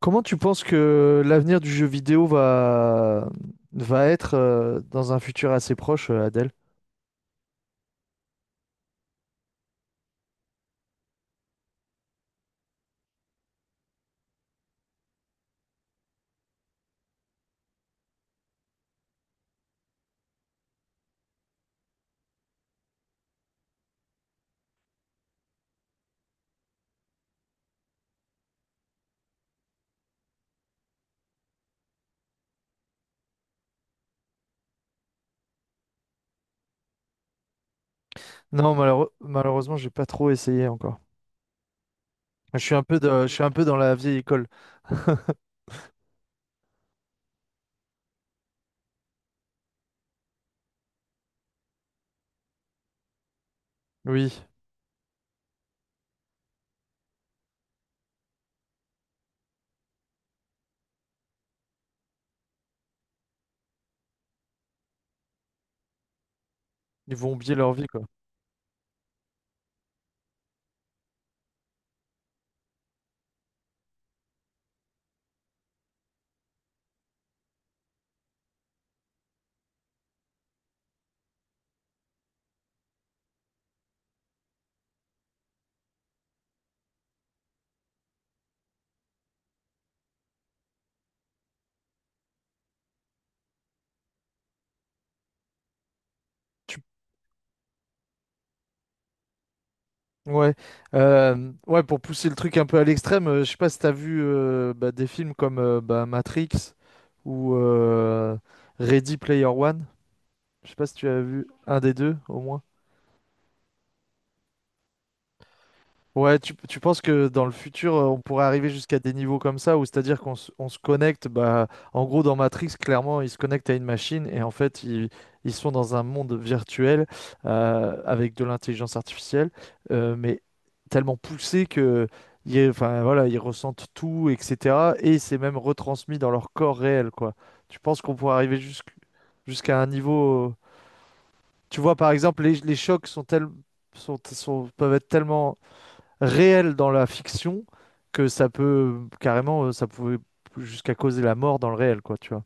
Comment tu penses que l'avenir du jeu vidéo va être dans un futur assez proche, Adèle? Non, malheureusement, j'ai pas trop essayé encore. Je suis un peu je suis un peu dans la vieille école. Oui, ils vont oublier leur vie, quoi. Tu- Ouais, ouais, pour pousser le truc un peu à l'extrême, je sais pas si t'as vu bah, des films comme bah, Matrix ou Ready Player One. Je sais pas si tu as vu un des deux, au moins. Ouais, tu penses que dans le futur, on pourrait arriver jusqu'à des niveaux comme ça, où c'est-à-dire qu'on se connecte. Bah, en gros, dans Matrix, clairement, ils se connectent à une machine et en fait, ils sont dans un monde virtuel avec de l'intelligence artificielle, mais tellement poussé que, enfin, voilà, ils ressentent tout, etc. Et c'est même retransmis dans leur corps réel, quoi. Tu penses qu'on pourrait arriver jusqu'- jusqu'à un niveau? Tu vois, par exemple, les chocs sont tels- sont, sont- peuvent être tellement réel dans la fiction que ça peut carrément, ça pouvait jusqu'à causer la mort dans le réel, quoi, tu vois.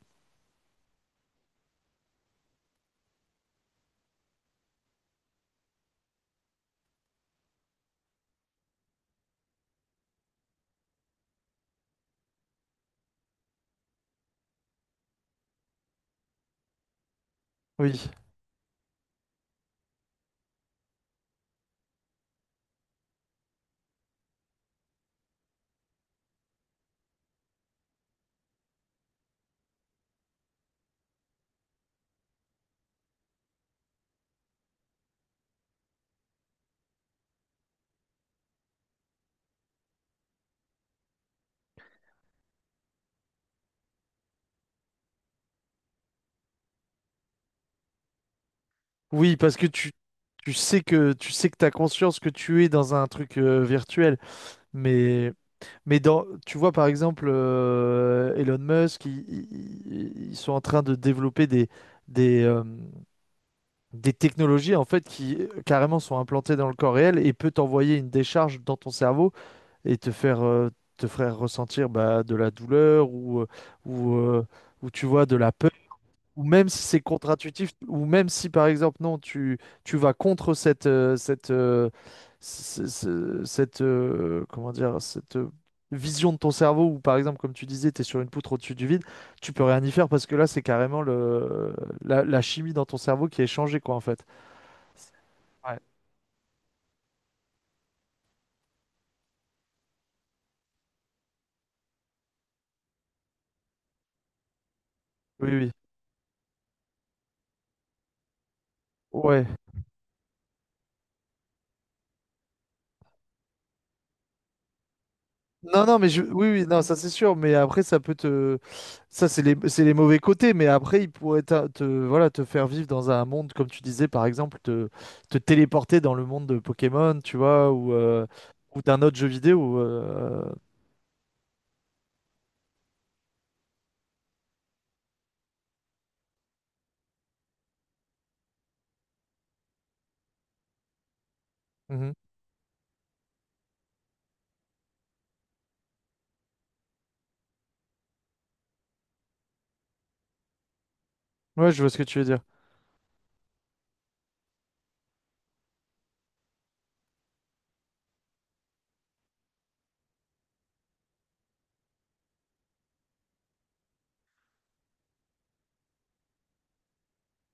Oui, oui, parce que tu sais que t'as conscience que tu es dans un truc virtuel, mais mais dans, tu vois par exemple Elon Musk, ils sont en train de développer des des euh, des technologies en fait qui carrément sont implantées dans le corps réel et peut t'envoyer une décharge dans ton cerveau et te faire ressentir bah, de la douleur ou, euh, ou tu vois de la peur. Ou même si c'est contre-intuitif, ou même si par exemple, non, tu vas contre cette, comment dire, cette vision de ton cerveau, ou par exemple, comme tu disais, tu es sur une poutre au-dessus du vide, tu peux rien y faire parce que là, c'est carrément la, la chimie dans ton cerveau qui est changée, quoi, en fait. Ouais. Oui, oui. Ouais. Non, non, mais oui, oui, non, ça c'est sûr. Mais après, ça c'est c'est les mauvais côtés. Mais après, il pourrait voilà, te faire vivre dans un monde, comme tu disais, par exemple, te téléporter dans le monde de Pokémon, tu vois, ou d'un autre jeu vidéo. Mhm. Ouais, je vois ce que tu veux dire.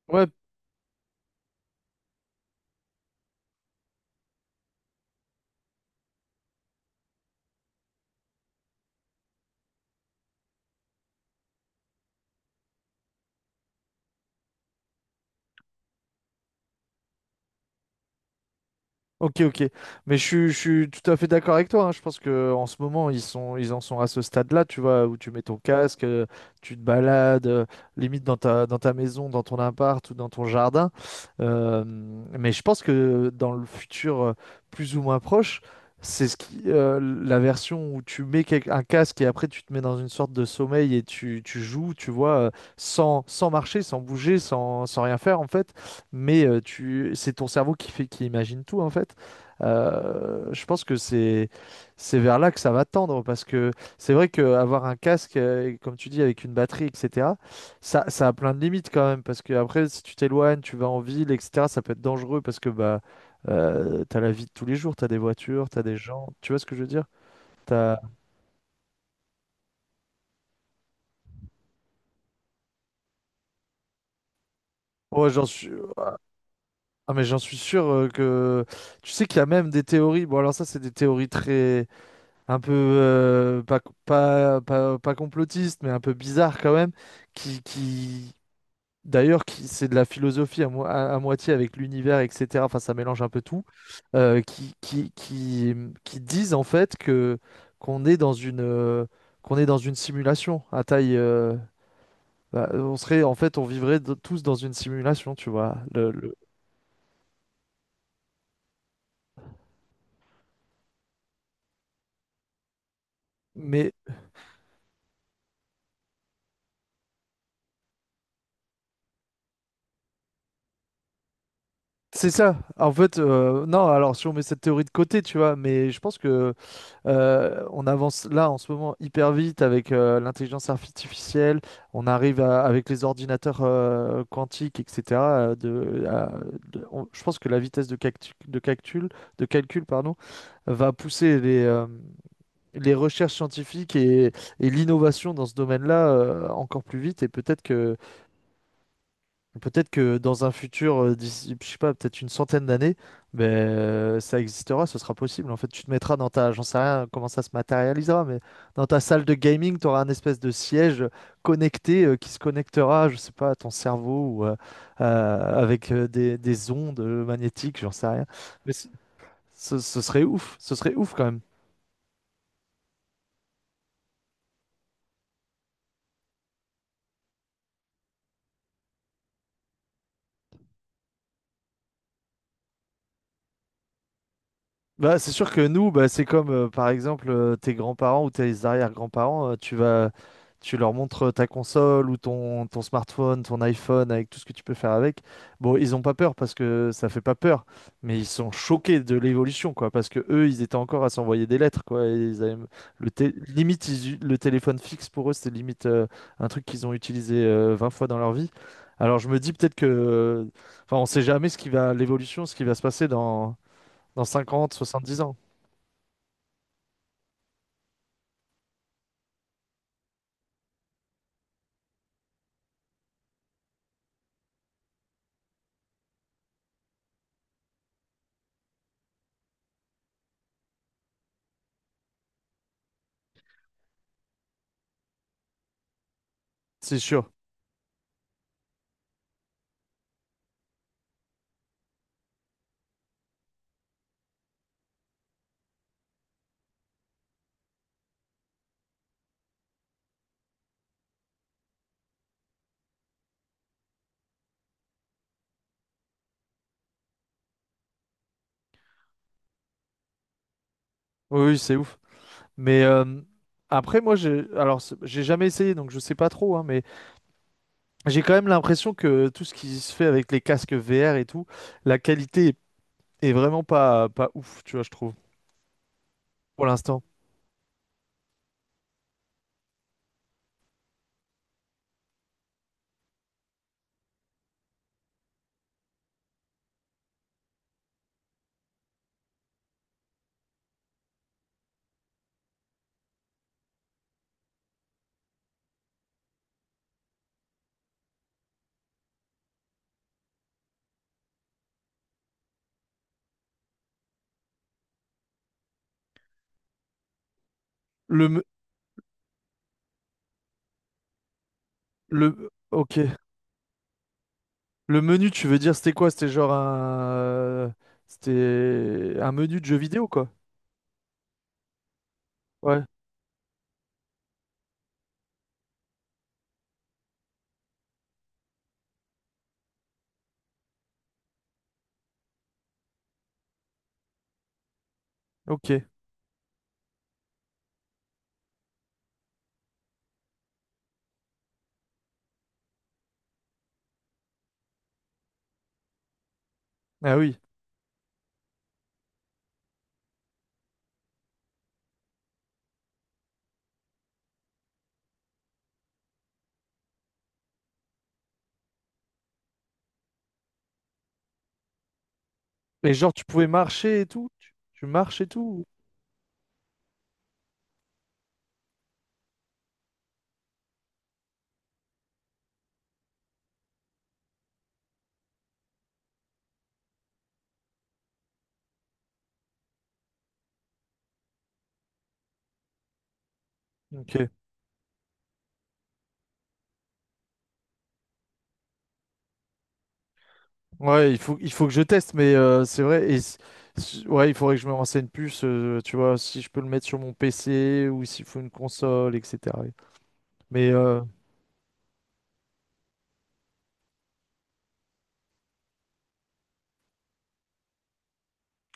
Ouais, ok, ok. Mais je suis tout à fait d'accord avec toi, hein. Je pense que en ce moment, ils en sont à ce stade-là, tu vois, où tu mets ton casque, tu te balades, limite dans dans ta maison, dans ton appart ou dans ton jardin. Euh, mais je pense que dans le futur plus ou moins proche, c'est ce la version où tu mets un casque et après tu te mets dans une sorte de sommeil et tu joues, tu vois, sans, sans marcher, sans bouger, sans rien faire en fait, mais c'est ton cerveau qui fait, qui imagine tout en fait. Je pense que c'est vers là que ça va tendre parce que c'est vrai qu'avoir un casque, comme tu dis, avec une batterie, etc., ça a plein de limites quand même parce que après, si tu t'éloignes, tu vas en ville, etc., ça peut être dangereux parce que t'as la vie de tous les jours, t'as des voitures, t'as des gens, tu vois ce que je veux dire? T'as... Oh, ah, mais j'en suis sûr. Tu sais qu'il y a même des théories, bon alors ça c'est des théories très un peu pas, pas, pas, pas complotiste, mais un peu bizarre quand même, qui d'ailleurs, c'est de la philosophie à moitié avec l'univers, etc. Enfin, ça mélange un peu tout, euh, qui, qui, qui, qui disent en fait que qu'on est dans une, euh, qu'on est dans une simulation à taille. Bah, on serait, en fait, on vivrait tous dans une simulation, tu vois, mais c'est ça. En fait, non, alors si on met cette théorie de côté, tu vois, mais je pense que on avance là en ce moment hyper vite avec l'intelligence artificielle, on arrive avec les ordinateurs quantiques, etc. De, à- de- on- Je pense que la vitesse de calcul, pardon, va pousser les recherches scientifiques et l'innovation dans ce domaine-là encore plus vite, et peut-être que peut-être que dans un futur, d'ici, je sais pas, peut-être une centaine d'années, ben, ça existera, ce sera possible. En fait, tu te mettras dans ta, j'en sais rien comment ça se matérialisera, mais dans ta salle de gaming, tu auras un espèce de siège connecté qui se connectera, je sais pas, à ton cerveau ou avec des ondes magnétiques, j'en sais rien. Mais c- ce, ce serait ouf quand même. Bah, c'est sûr que nous, bah, c'est comme par exemple tes grands-parents ou tes arrière-grands-parents, tu leur montres ta console ou ton smartphone, ton iPhone avec tout ce que tu peux faire avec. Bon, ils ont pas peur parce que ça fait pas peur, mais ils sont choqués de l'évolution, quoi, parce que eux, ils étaient encore à s'envoyer des lettres, quoi, et ils avaient limite, le téléphone fixe pour eux, c'était limite un truc qu'ils ont utilisé 20 fois dans leur vie. Alors je me dis peut-être que, enfin, on sait jamais ce qui va, l'évolution, ce qui va se passer dans dans 50, 70 ans, c'est sûr. Oui, oui, c'est ouf. Mais après, moi, j'ai, alors, c'est- j'ai jamais essayé, donc je sais pas trop, hein, mais j'ai quand même l'impression que tout ce qui se fait avec les casques VR et tout, la qualité est vraiment pas ouf, tu vois, je trouve, pour l'instant. Le, me- ok. Le menu, tu veux dire, c'était quoi? C'était c'était un menu de jeu vidéo, quoi. Ouais, ok. Ah oui. Et genre, tu pouvais marcher et tout? Tu marches et tout? Ok. Ouais, il faut que je teste, mais c'est vrai. Ouais, il faudrait que je me renseigne plus, tu vois, si je peux le mettre sur mon PC ou s'il faut une console, etc. Mais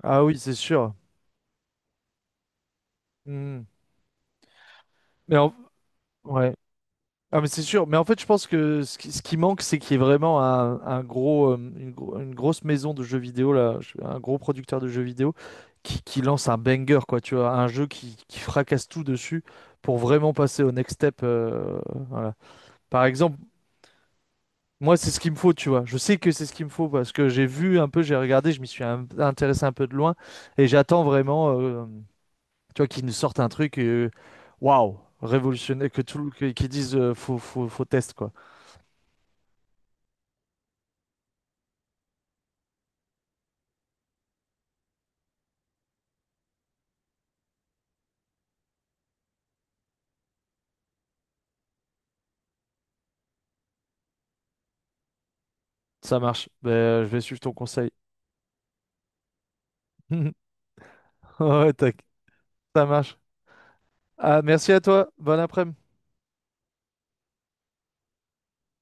ah oui, c'est sûr. Hmm. Mais en- ouais. Ah, mais c'est sûr. Mais en fait, je pense que ce qui manque, c'est qu'il y ait vraiment un gros, une grosse maison de jeux vidéo, là, un gros producteur de jeux vidéo qui lance un banger, quoi, tu vois, un jeu qui fracasse tout dessus pour vraiment passer au next step. Voilà. Par exemple, moi, c'est ce qu'il me faut, tu vois. Je sais que c'est ce qu'il me faut parce que j'ai vu un peu, j'ai regardé, je m'y suis intéressé un peu de loin et j'attends vraiment, tu vois, qu'ils nous sortent un truc, waouh, révolutionnaire, qu'ils disent, faut, faut test, quoi. Ça marche. Ben, je vais suivre ton conseil. Ouais, tac. Ça marche. Ah, merci à toi. Bon après-midi.